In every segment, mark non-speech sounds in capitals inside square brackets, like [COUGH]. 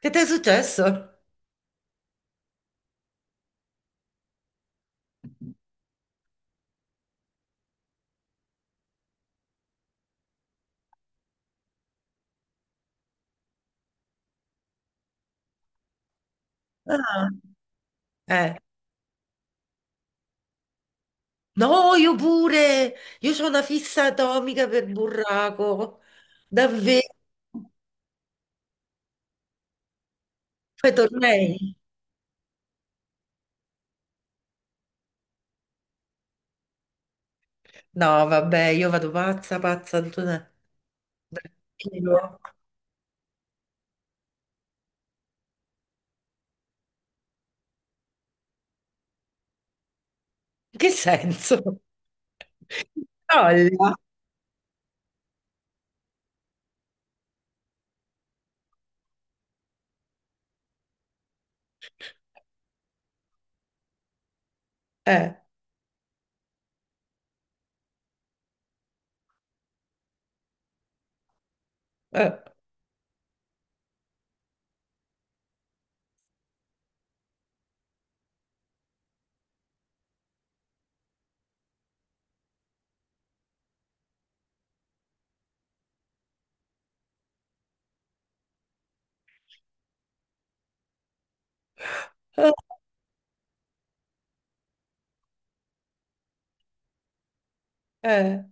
Che ti è successo? Ah. Eh. No, io pure, io ho una fissa atomica per burraco. Davvero? Fai tornei? No, vabbè, io vado pazza, pazza, Antonella. Io? In che senso? Olla. Eh, eh, eh,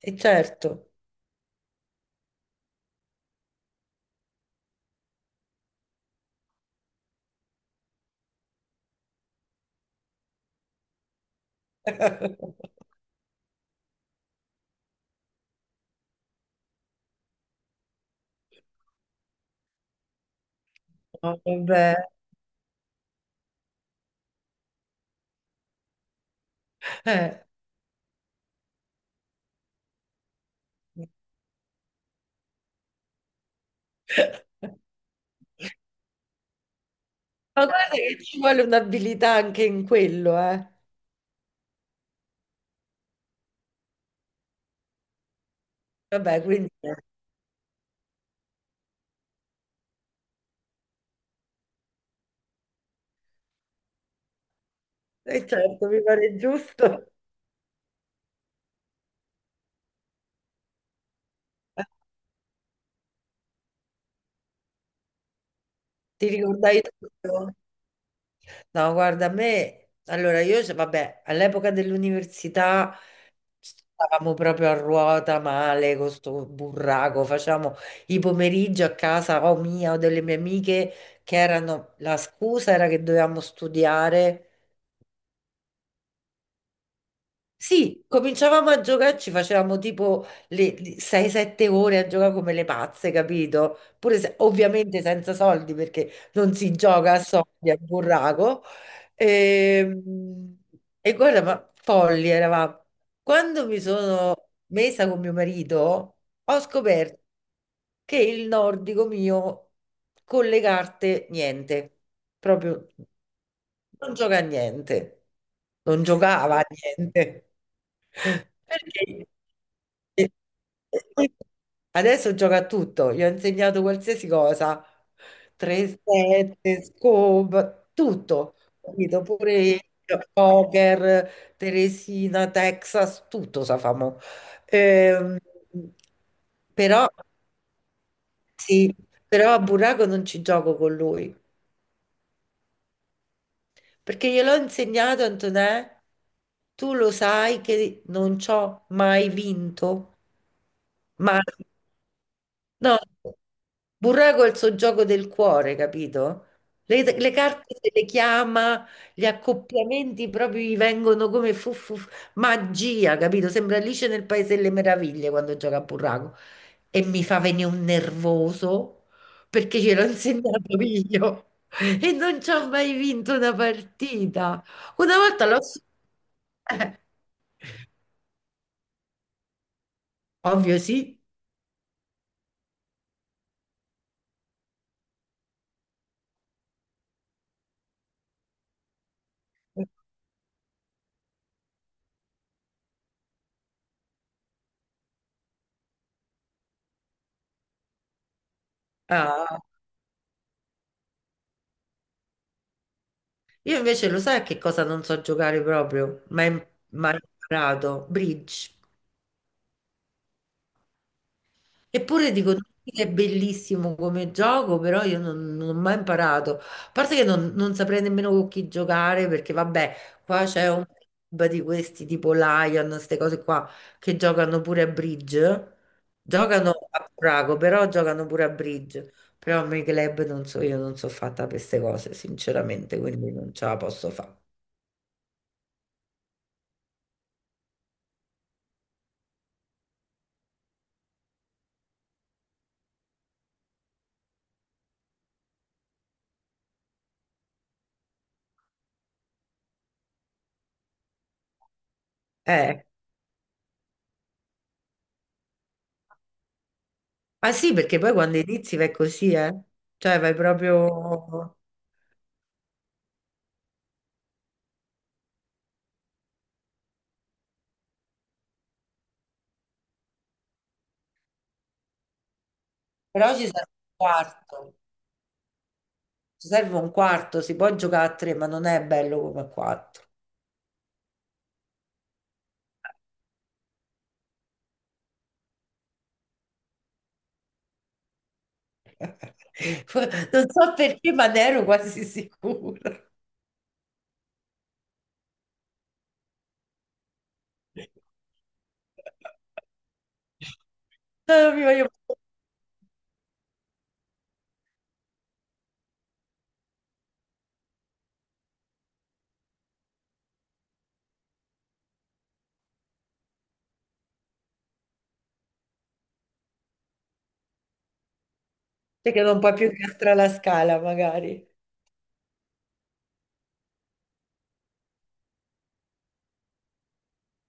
certo. [LAUGHS] No, vabbè. Eh. Ma guarda che ci vuole un'abilità anche in quello, eh. Vabbè, quindi, certo, mi pare giusto. Ti ricordai tutto? No, guarda, a me, allora io, vabbè, all'epoca dell'università stavamo proprio a ruota male con sto burraco, facciamo i pomeriggi a casa o mia o delle mie amiche che erano, la scusa era che dovevamo studiare. Sì, cominciavamo a giocare, ci facevamo tipo le 6-7 ore a giocare come le pazze, capito? Pure ovviamente senza soldi perché non si gioca a soldi a burraco. E, e guarda, ma folli eravamo. Quando mi sono messa con mio marito, ho scoperto che il nordico mio con le carte niente, proprio. Non gioca a niente, non giocava a niente. Perché e- poi adesso gioca a tutto, gli ho insegnato qualsiasi cosa, 3-7, scope, tutto, capito? Pure il poker, Teresina, Texas, tutto sa fa mo. Ehm, però, sì, però a Buraco non ci gioco con lui. Perché gliel'ho insegnato, Antonè, tu lo sai che non ci ho mai vinto, mai. No, Burraco è il suo gioco del cuore, capito? Le carte se le chiama, gli accoppiamenti proprio gli vengono come fu magia, capito? Sembra Alice nel Paese delle Meraviglie quando gioca a Burraco. E mi fa venire un nervoso perché ce l'ho insegnato io e non ci ho mai vinto una partita. Una volta l'ho... [LAUGHS] Ovvio sì. Ah. Io invece lo sai che cosa non so giocare proprio, ma ho imparato, bridge. Eppure dico tutti che è bellissimo come gioco, però io non ho mai imparato. A parte che non saprei nemmeno con chi giocare, perché vabbè, qua c'è un club di questi tipo Lion, queste cose qua, che giocano pure a bridge. Giocano a Prago, però giocano pure a bridge. Però a me i club non so, io non so fatta per queste cose, sinceramente, quindi non ce la posso fare. Ma sì, perché poi quando inizi vai così, eh? Cioè vai proprio... Però ci serve un quarto, ci serve un quarto, si può giocare a tre, ma non è bello come a quattro. [LAUGHS] Non so perché, ma ne ero quasi sicura. Ah, mi voglio... Perché non puoi più incastrare la scala, magari.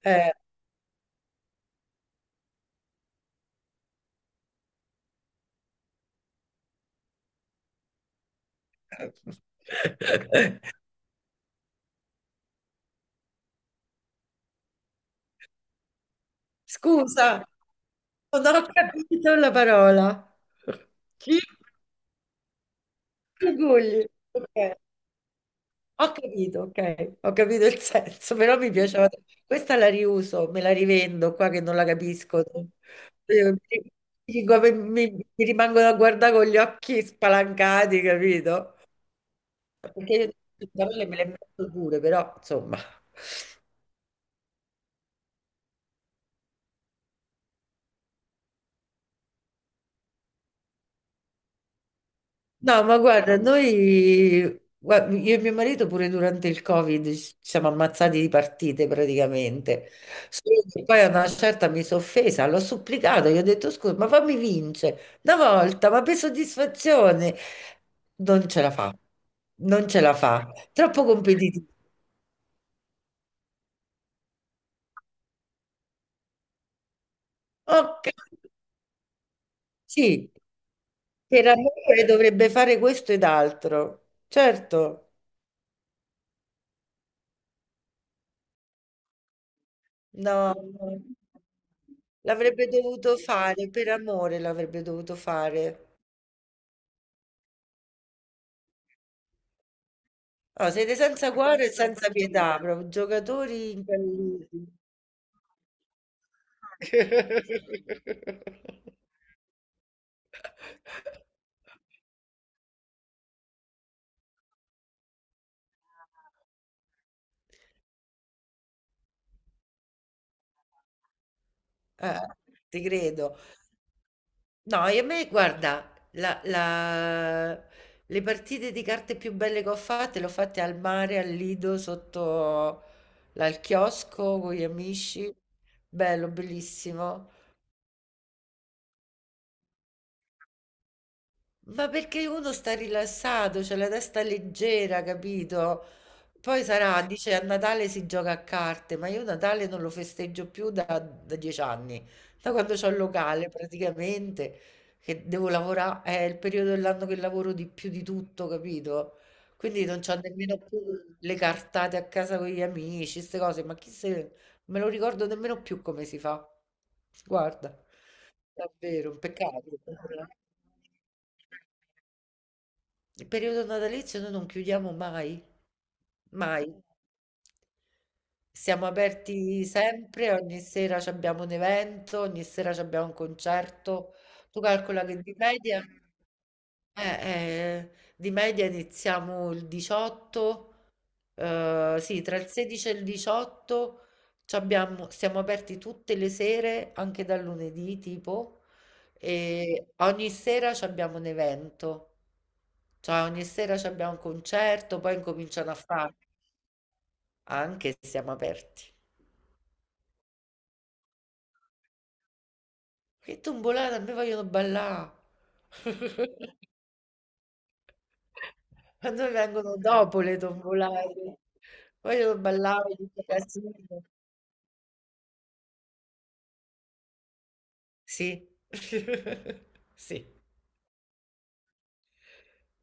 Eh. [LAUGHS] Scusa, non ho capito la parola. Chi? Gugugli. Ok. Ho capito, ok, ho capito il senso, però mi piaceva. Questa la riuso, me la rivendo qua che non la capisco. Eh, mi dico, mi rimangono a guardare con gli occhi spalancati, capito? Perché io le me le metto pure, però insomma. No, ma guarda, noi, io e mio marito pure durante il Covid ci siamo ammazzati di partite praticamente. Solo che poi a una certa mi sono offesa, l'ho supplicato, gli ho detto scusa, ma fammi vincere una volta, ma per soddisfazione. Non ce la fa, non ce la fa, troppo competitivo. Ok, sì, per amore dovrebbe fare questo ed altro, certo. No, no. L'avrebbe dovuto fare, per amore l'avrebbe dovuto fare. No, siete senza cuore e senza pietà, proprio giocatori incalliti. [LAUGHS] Eh, ti credo. No, e a me, guarda, le partite di carte più belle che ho fatte le ho fatte al mare, al Lido, sotto al chiosco con gli amici. Bello, bellissimo. Ma perché uno sta rilassato, c'è la testa leggera, capito? Poi sarà, dice, a Natale si gioca a carte, ma io Natale non lo festeggio più da 10 anni, da quando c'ho il locale praticamente, che devo lavorare, è il periodo dell'anno che lavoro di più di tutto, capito? Quindi non c'ho nemmeno più le cartate a casa con gli amici, queste cose, ma chi se... non me lo ricordo nemmeno più come si fa. Guarda, davvero, un peccato. Il periodo natalizio noi non chiudiamo mai, mai. Siamo aperti sempre, ogni sera c'abbiamo un evento, ogni sera c'abbiamo un concerto. Tu calcola che eh, eh, di media iniziamo il 18. Sì, tra il 16 e il 18 c'abbiamo, siamo aperti tutte le sere, anche dal lunedì tipo, e ogni sera c'abbiamo un evento. Cioè ogni sera c'abbiamo un concerto, poi incominciano a fare anche se siamo aperti. Che tombolate, a me vogliono ballà. [LAUGHS] A noi vengono dopo le tombolate. Vogliono ballare, tutto casino. Sì. [LAUGHS] Sì.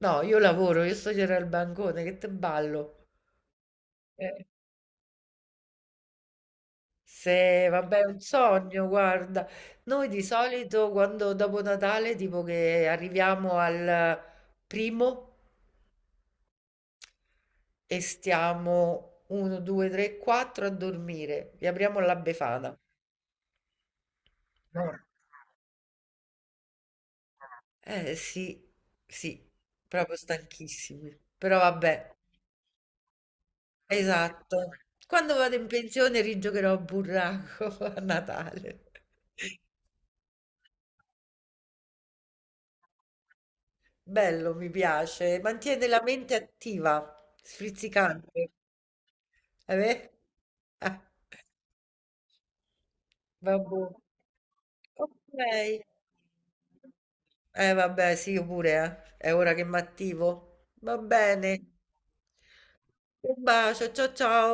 No, io lavoro, io stasera al bancone, che te ballo. Eh, Se, vabbè, è un sogno, guarda. Noi di solito quando dopo Natale, tipo che arriviamo al primo e stiamo 1, 2, 3, 4 a dormire, vi apriamo la Befana. No. Eh sì, sì, proprio stanchissimi. Però vabbè, esatto. Quando vado in pensione rigiocherò a burraco [LAUGHS] a Natale. Bello, mi piace. Mantiene la mente attiva, sfrizzicante. Beh? [LAUGHS] Ah, vabbè. Ok. Eh vabbè, sì, io pure, eh. È ora che mi attivo. Va bene. Un bacio, ciao ciao.